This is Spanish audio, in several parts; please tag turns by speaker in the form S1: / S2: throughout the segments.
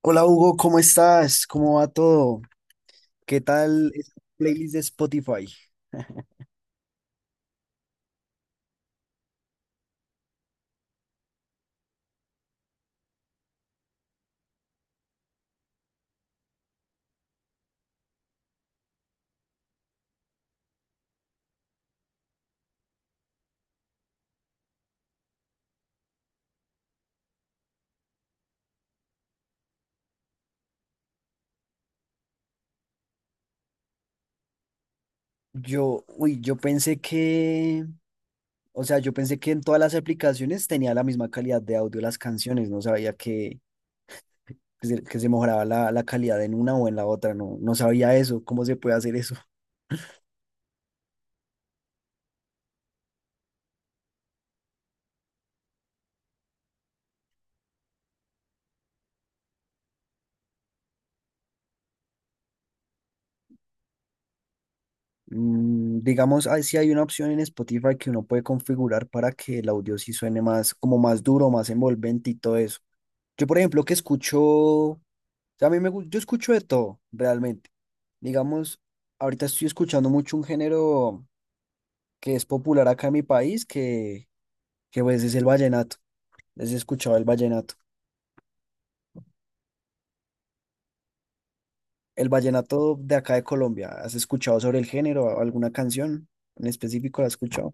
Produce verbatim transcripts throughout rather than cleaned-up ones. S1: Hola Hugo, ¿cómo estás? ¿Cómo va todo? ¿Qué tal esa playlist de Spotify? Yo, uy, yo pensé que, o sea, yo pensé que en todas las aplicaciones tenía la misma calidad de audio las canciones. No sabía que, que se, que se mejoraba la, la calidad en una o en la otra. No, no sabía eso. ¿Cómo se puede hacer eso? Mm, digamos, ah, sí hay una opción en Spotify que uno puede configurar para que el audio sí suene más, como más duro, más envolvente y todo eso. Yo, por ejemplo, que escucho sea, a mí me, gu- yo escucho de todo, realmente. Digamos, ahorita estoy escuchando mucho un género que es popular acá en mi país, que, que pues es el vallenato. Les he escuchado el vallenato. El vallenato de acá de Colombia. ¿Has escuchado sobre el género? ¿Alguna canción en específico la has escuchado?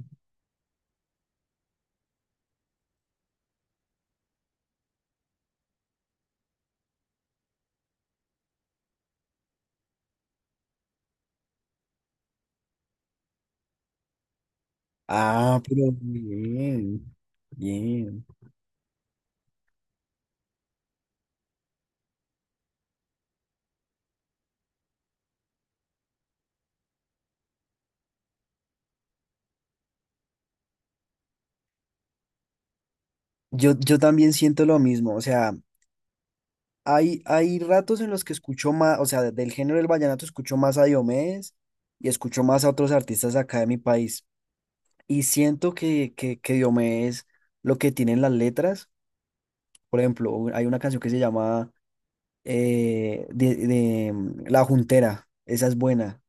S1: Ah, pero bien, bien. Yo, yo también siento lo mismo. O sea, Hay, hay ratos en los que escucho más, o sea, del género del vallenato escucho más a Diomedes y escucho más a otros artistas acá de mi país. Y siento que, que, que Diomedes, lo que tienen las letras, por ejemplo, u- hay una canción que se llama eh, de, de, mm, La Juntera, esa es buena,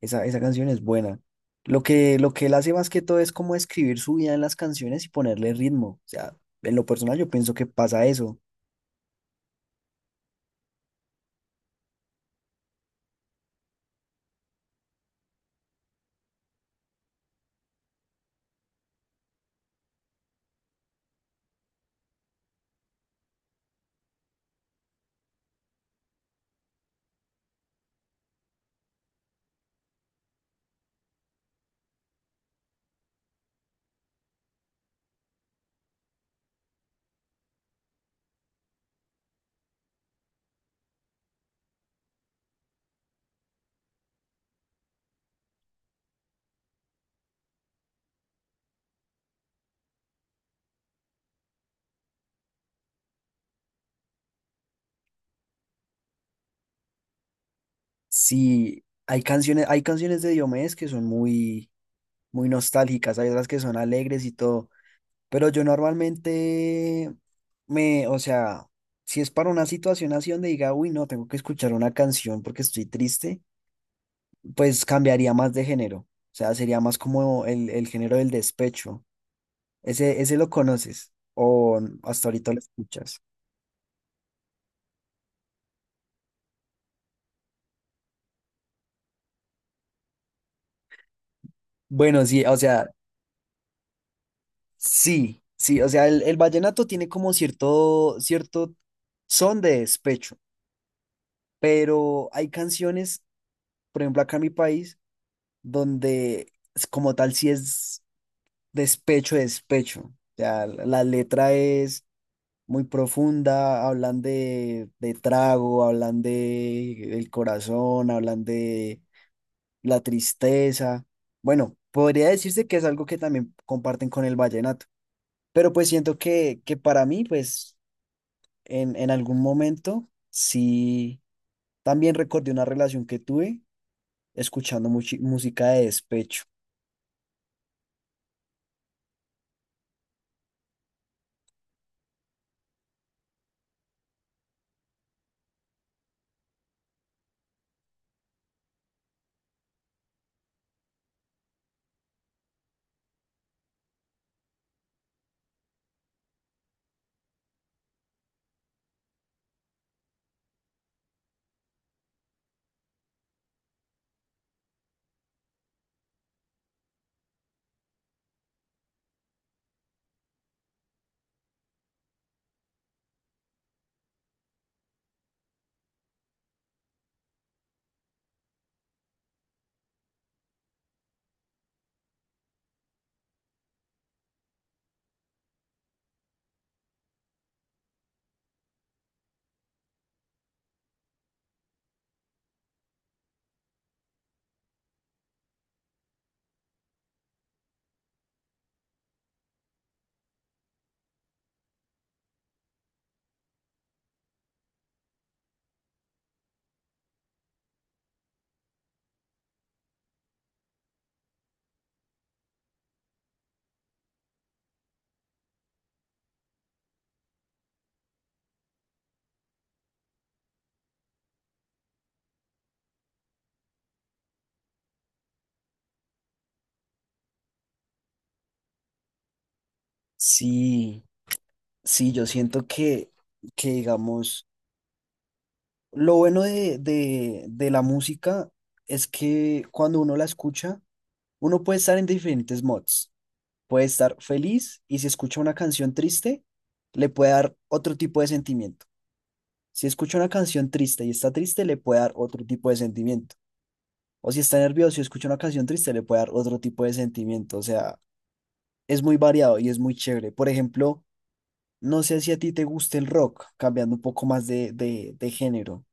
S1: esa, esa canción es buena. Lo que, lo que él hace más que todo es como escribir su vida en las canciones y ponerle ritmo. O sea, en lo personal yo pienso que pasa eso. Sí, hay canciones, hay canciones de Diomedes que son muy, muy nostálgicas. Hay otras que son alegres y todo, pero yo normalmente me, o sea, si es para una situación así donde diga, uy, no, tengo que escuchar una canción porque estoy triste, pues cambiaría más de género, o sea, sería más como el, el género del despecho, ese, ese lo conoces o hasta ahorita lo escuchas. Bueno, sí, o sea. Sí, sí, o sea, el, el vallenato tiene como cierto, cierto son de despecho, pero hay canciones, por ejemplo, acá en mi país, donde es como tal sí es despecho, despecho. O sea, la la letra es muy profunda, hablan de, de trago, hablan de el corazón, hablan de la tristeza. Bueno, podría decirse que es algo que también comparten con el vallenato, pero pues siento que, que para mí, pues en, en algún momento sí, también recordé una relación que tuve escuchando muchi- música de despecho. Sí, sí, yo siento que, que digamos, lo bueno de, de, de la música es que cuando uno la escucha, uno puede estar en diferentes mods. Puede estar feliz y si escucha una canción triste, le puede dar otro tipo de sentimiento. Si escucha una canción triste y está triste, le puede dar otro tipo de sentimiento. O si está nervioso y escucha una canción triste, le puede dar otro tipo de sentimiento. O sea, es muy variado y es muy chévere. Por ejemplo, no sé si a ti te gusta el rock, cambiando un poco más de, de, de género.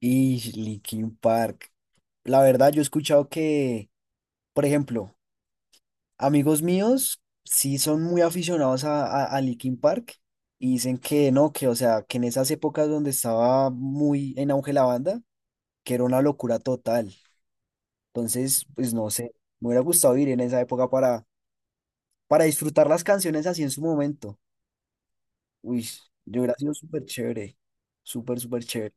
S1: Y Linkin Park. La verdad, yo he escuchado que, por ejemplo, amigos míos sí son muy aficionados a, a, a Linkin Park y dicen que no, que o sea, que en esas épocas donde estaba muy en auge la banda, que era una locura total. Entonces, pues no sé, me hubiera gustado ir en esa época para para disfrutar las canciones así en su momento. Uy, yo hubiera sido súper chévere, súper, súper chévere.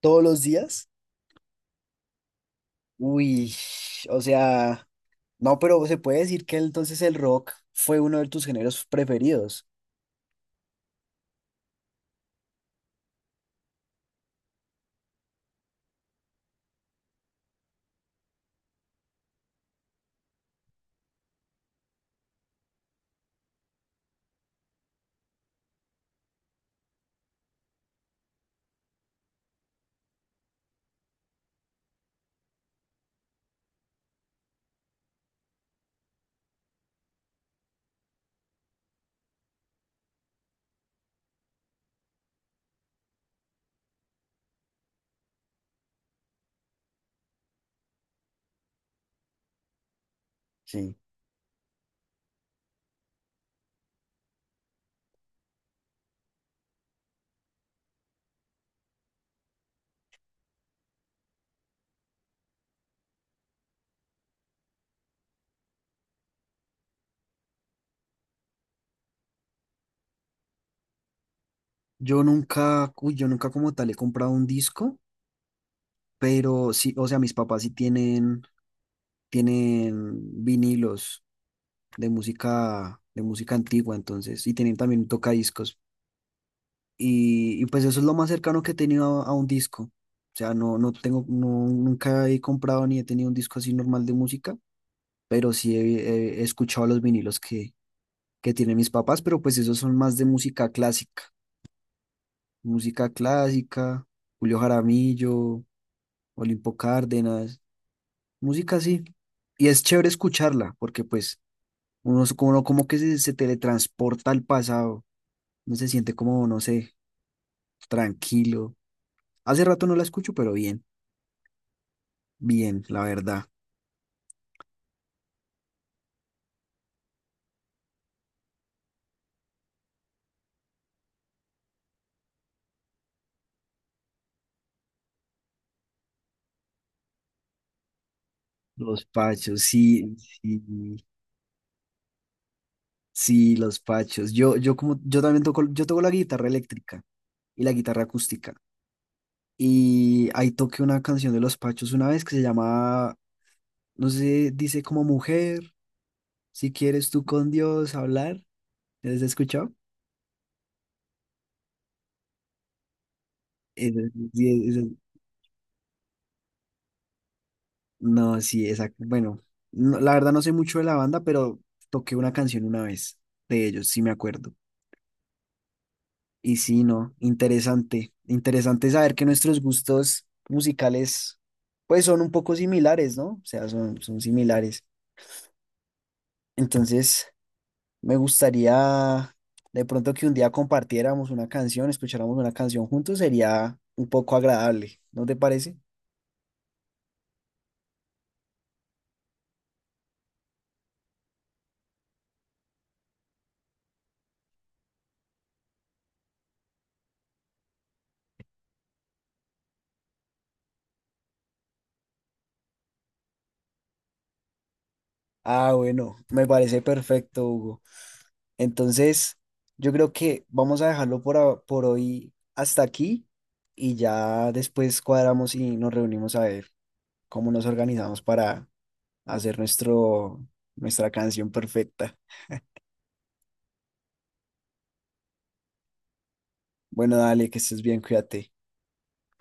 S1: Todos los días, uy, o sea, no, pero se puede decir que entonces el rock fue uno de tus géneros preferidos. Sí. Yo nunca, uy, yo nunca como tal he comprado un disco, pero sí, o sea, mis papás sí tienen, tienen vinilos de música, de música antigua, entonces, y tienen también un tocadiscos. Y, y pues eso es lo más cercano que he tenido a, a un disco. O sea, no, no tengo, no, nunca he comprado ni he tenido un disco así normal de música, pero sí he, he- he escuchado los vinilos que, que tienen mis papás, pero pues esos son más de música clásica. Música clásica, Julio Jaramillo, Olimpo Cárdenas, música así. Y es chévere escucharla, porque pues uno, es como, uno como que se, se teletransporta al pasado, no se siente como, no sé, tranquilo. Hace rato no la escucho, pero bien. Bien, la verdad. Los pachos, sí, sí, sí, los pachos. Yo, yo como, yo también toco, yo toco la guitarra eléctrica y la guitarra acústica. Y ahí toqué una canción de los pachos una vez que se llama, no sé, dice como mujer, si quieres tú con Dios hablar. ¿Has escuchado? Esa- sí, esa- no, sí, exacto. Bueno, no- la verdad no sé mucho de la banda, pero toqué una canción una vez de ellos, sí me acuerdo. Y sí, no, interesante. Interesante saber que nuestros gustos musicales, pues son un poco similares, ¿no? O sea, son, son similares. Entonces, me gustaría de pronto que un día compartiéramos una canción, escucháramos una canción juntos, sería un poco agradable, ¿no te parece? Ah, bueno, me parece perfecto, Hugo. Entonces, yo creo que vamos a dejarlo por, a- por hoy hasta aquí y ya después cuadramos y nos reunimos a ver cómo nos organizamos para hacer nuestro, nuestra canción perfecta. Bueno, dale, que estés bien, cuídate.